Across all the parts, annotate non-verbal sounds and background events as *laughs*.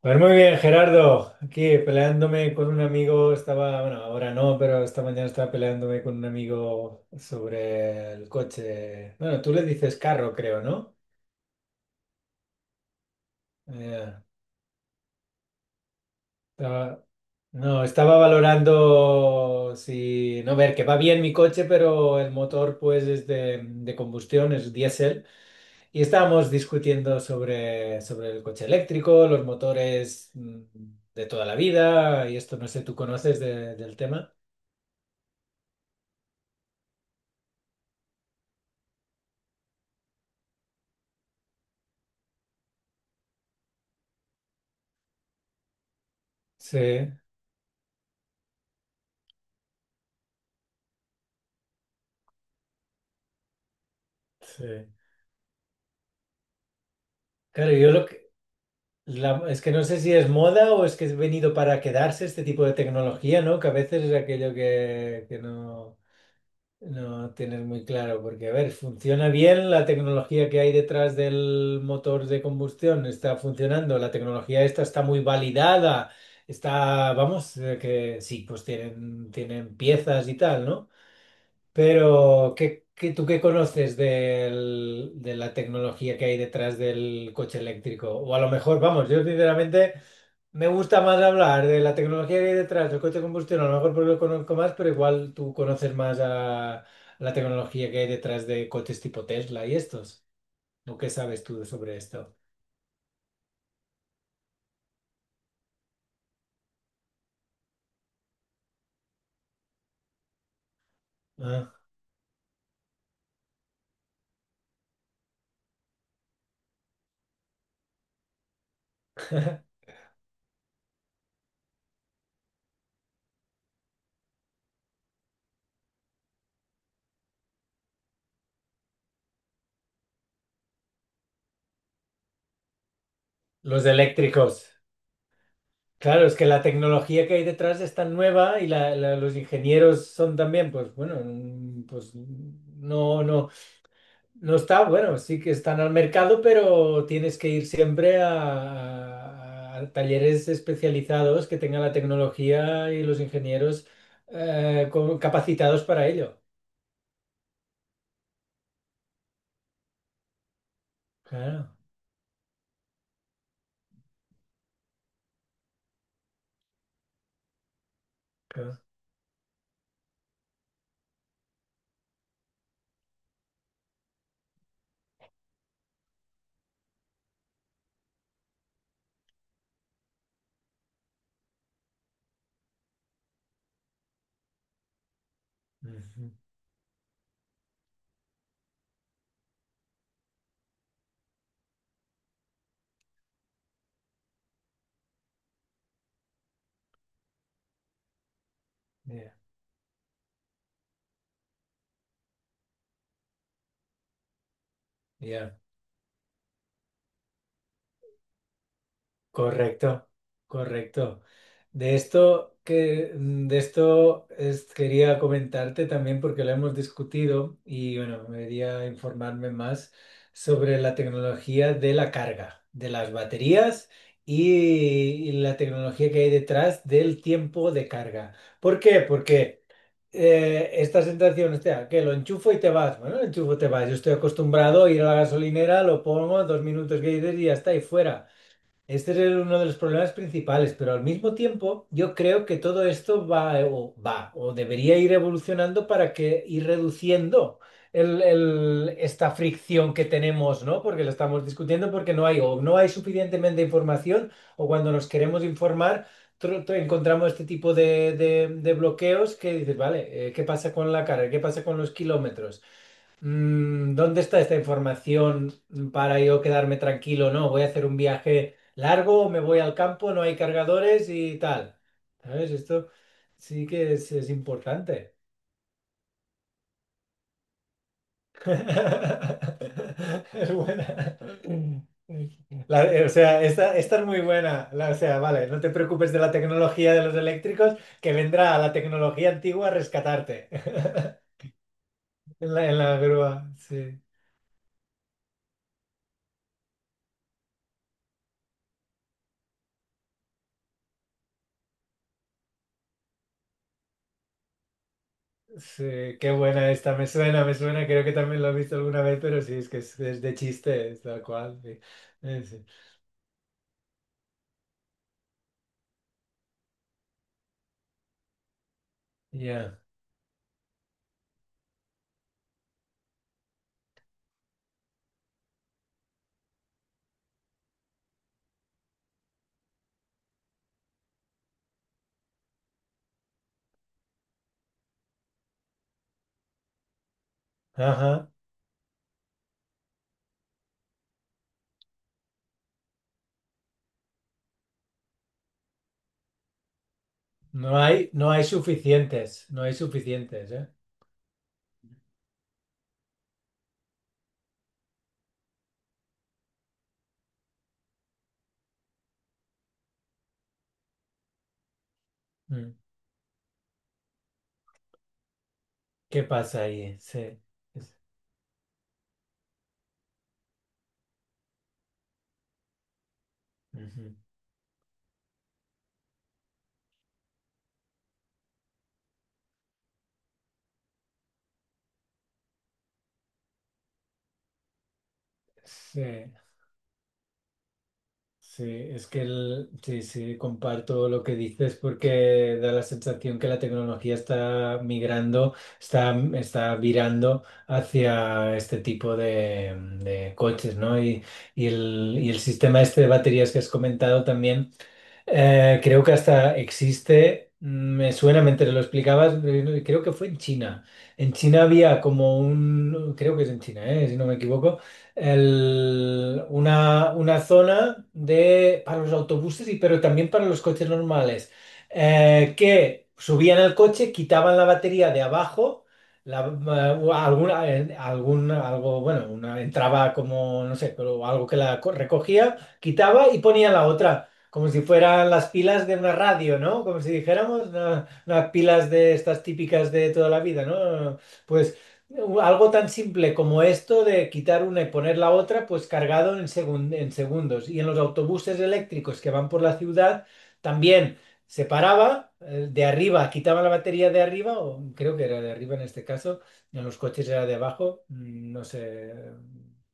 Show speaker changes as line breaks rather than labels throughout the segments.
Pues muy bien, Gerardo. Aquí peleándome con un amigo, estaba, bueno, ahora no, pero esta mañana estaba peleándome con un amigo sobre el coche. Bueno, tú le dices carro, creo, ¿no? Eh, estaba- no, estaba valorando si, no, ver, que va bien mi coche, pero el motor pues es de combustión, es diésel. Y estábamos discutiendo sobre el coche eléctrico, los motores de toda la vida, y esto no sé, ¿tú conoces del tema? Sí. Sí. Claro, yo lo que... es que no sé si es moda o es que es venido para quedarse este tipo de tecnología, ¿no? Que a veces es aquello que no, no tienes muy claro, porque a ver, funciona bien la tecnología que hay detrás del motor de combustión, está funcionando, la tecnología esta está muy validada, está, vamos, que sí, pues tienen, tienen piezas y tal, ¿no? Pero, ¿tú qué conoces de la tecnología que hay detrás del coche eléctrico? O a lo mejor, vamos, yo sinceramente me gusta más hablar de la tecnología que hay detrás del coche de combustión, a lo mejor porque lo conozco más, pero igual tú conoces más a la tecnología que hay detrás de coches tipo Tesla y estos. ¿O qué sabes tú sobre esto? Ah, los eléctricos. Claro, es que la tecnología que hay detrás es tan nueva y los ingenieros son también, pues bueno, pues no, no. No está, bueno, sí que están al mercado, pero tienes que ir siempre a talleres especializados que tengan la tecnología y los ingenieros capacitados para ello. Claro, claro. Ujú. Ya, ya. Correcto, correcto. De esto que de esto quería comentarte también porque lo hemos discutido y bueno, me quería informarme más sobre la tecnología de la carga, de las baterías y la tecnología que hay detrás del tiempo de carga. ¿Por qué? Porque esta sensación, hostia, que lo enchufo y te vas. Bueno, lo enchufo te vas. Yo estoy acostumbrado a ir a la gasolinera, lo pongo, dos minutos que dices y ya está, y fuera. Este es uno de los problemas principales, pero al mismo tiempo yo creo que todo esto va o va o debería ir evolucionando para que ir reduciendo esta fricción que tenemos, ¿no? Porque lo estamos discutiendo porque no hay o no hay suficientemente información o cuando nos queremos informar encontramos este tipo de, de bloqueos que dices, vale, ¿qué pasa con la carga? ¿Qué pasa con los kilómetros? ¿Dónde está esta información para yo quedarme tranquilo? No, voy a hacer un viaje largo, me voy al campo, no hay cargadores y tal. ¿Sabes? Esto sí que es importante. *laughs* Es buena. O sea, esta es muy buena. O sea, vale, no te preocupes de la tecnología de los eléctricos, que vendrá la tecnología antigua a rescatarte *laughs* en en la grúa. Sí. Sí, qué buena esta, me suena, creo que también lo he visto alguna vez, pero sí, es que es de chiste, es tal cual. Sí. Sí. Ya. Ajá. No hay, no hay suficientes, no hay suficientes, ¿eh? Mm. ¿Qué pasa ahí? Sí. Es- Ujú. Sí. Sí, es que sí, sí, comparto lo que dices porque da la sensación que la tecnología está migrando, está, está virando hacia este tipo de coches, ¿no? Y el sistema este de baterías que has comentado también. Creo que hasta existe, me suena mientras lo explicabas, creo que fue en China. En China había como un, creo que es en China, si no me equivoco, una zona de, para los autobuses y pero también para los coches normales, que subían al coche, quitaban la batería de abajo. La, alguna, algo, bueno, una entraba como, no sé, pero algo que recogía, quitaba y ponía la otra. Como si fueran las pilas de una radio, ¿no? Como si dijéramos unas pilas de estas típicas de toda la vida, ¿no? Pues algo tan simple como esto de quitar una y poner la otra, pues cargado en en segundos. Y en los autobuses eléctricos que van por la ciudad, también se paraba de arriba, quitaba la batería de arriba, o creo que era de arriba en este caso, en los coches era de abajo, no sé,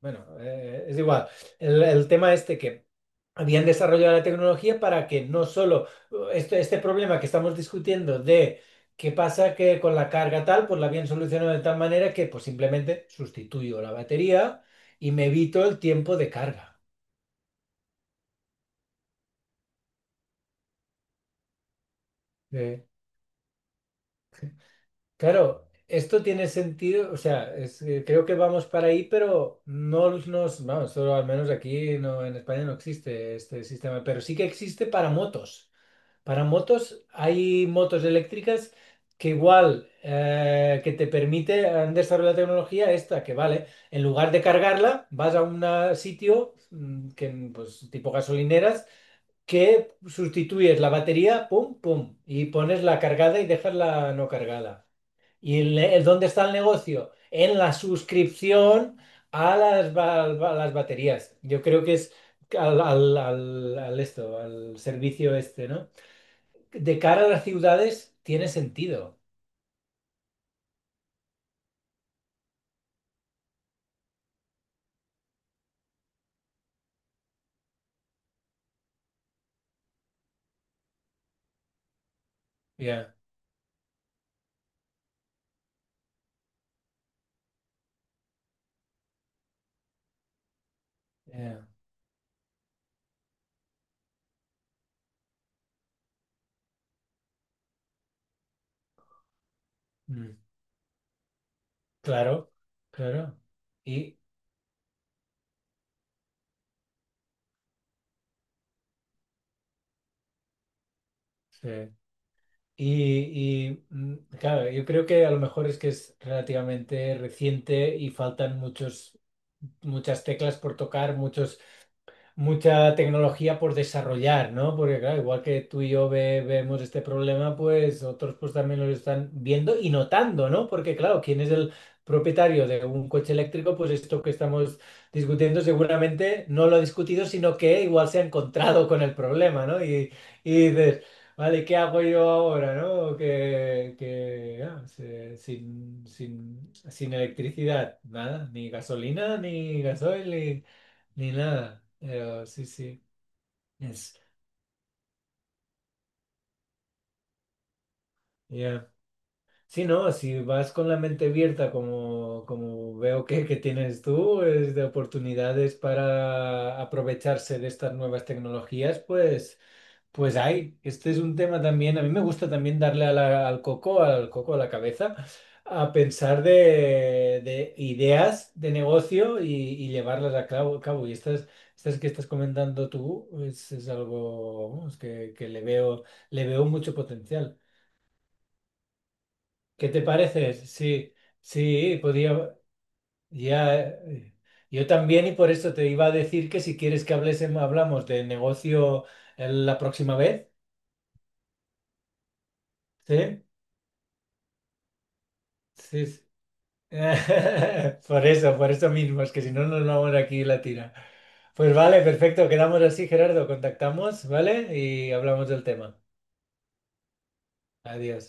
bueno, es igual. El tema este que habían desarrollado la tecnología para que no solo este problema que estamos discutiendo de qué pasa que con la carga tal, pues la habían solucionado de tal manera que pues simplemente sustituyo la batería y me evito el tiempo de carga. Eh, claro, esto tiene sentido, o sea, es, creo que vamos para ahí, pero no nos, vamos, solo al menos aquí no, en España no existe este sistema, pero sí que existe para motos. Para motos, hay motos eléctricas que igual que te permite, han desarrollado la tecnología esta, que vale, en lugar de cargarla, vas a un sitio que, pues, tipo gasolineras, que sustituyes la batería, pum, pum, y pones la cargada y dejas la no cargada. ¿Y el dónde está el negocio? En la suscripción a las, a las baterías. Yo creo que es al esto, al servicio este, ¿no? De cara a las ciudades tiene sentido. Ya, ya. Mm. Claro, claro. Y, sí. Y, claro, yo creo que a lo mejor es que es relativamente reciente y faltan muchos, muchas teclas por tocar, muchos mucha tecnología por desarrollar, ¿no? Porque claro, igual que tú y yo vemos este problema, pues otros pues también lo están viendo y notando, ¿no? Porque claro, ¿quién es el propietario de un coche eléctrico? Pues esto que estamos discutiendo seguramente no lo ha discutido, sino que igual se ha encontrado con el problema, ¿no? Y dices, vale, ¿qué hago yo ahora, ¿no? Que ah, sin, sin, sin electricidad, nada, ni gasolina, ni gasoil, ni nada. Sí, sí. Es, ya. Sí, no, si vas con la mente abierta, como, como veo que tienes tú, es de oportunidades para aprovecharse de estas nuevas tecnologías, pues. Pues hay, este es un tema también, a mí me gusta también darle a al coco a la cabeza, a pensar de ideas de negocio y llevarlas a cabo, cabo. Y estas, estas que estás comentando tú es algo vamos, que le veo mucho potencial. ¿Qué te parece? Sí, sí, podía, ya, yo también y por eso te iba a decir que si quieres que hablemos, hablamos de negocio la próxima vez, ¿sí? Sí, sí. *laughs* Por eso mismo, es que si no nos vamos aquí la tira. Pues vale, perfecto, quedamos así, Gerardo, contactamos, ¿vale? Y hablamos del tema. Adiós.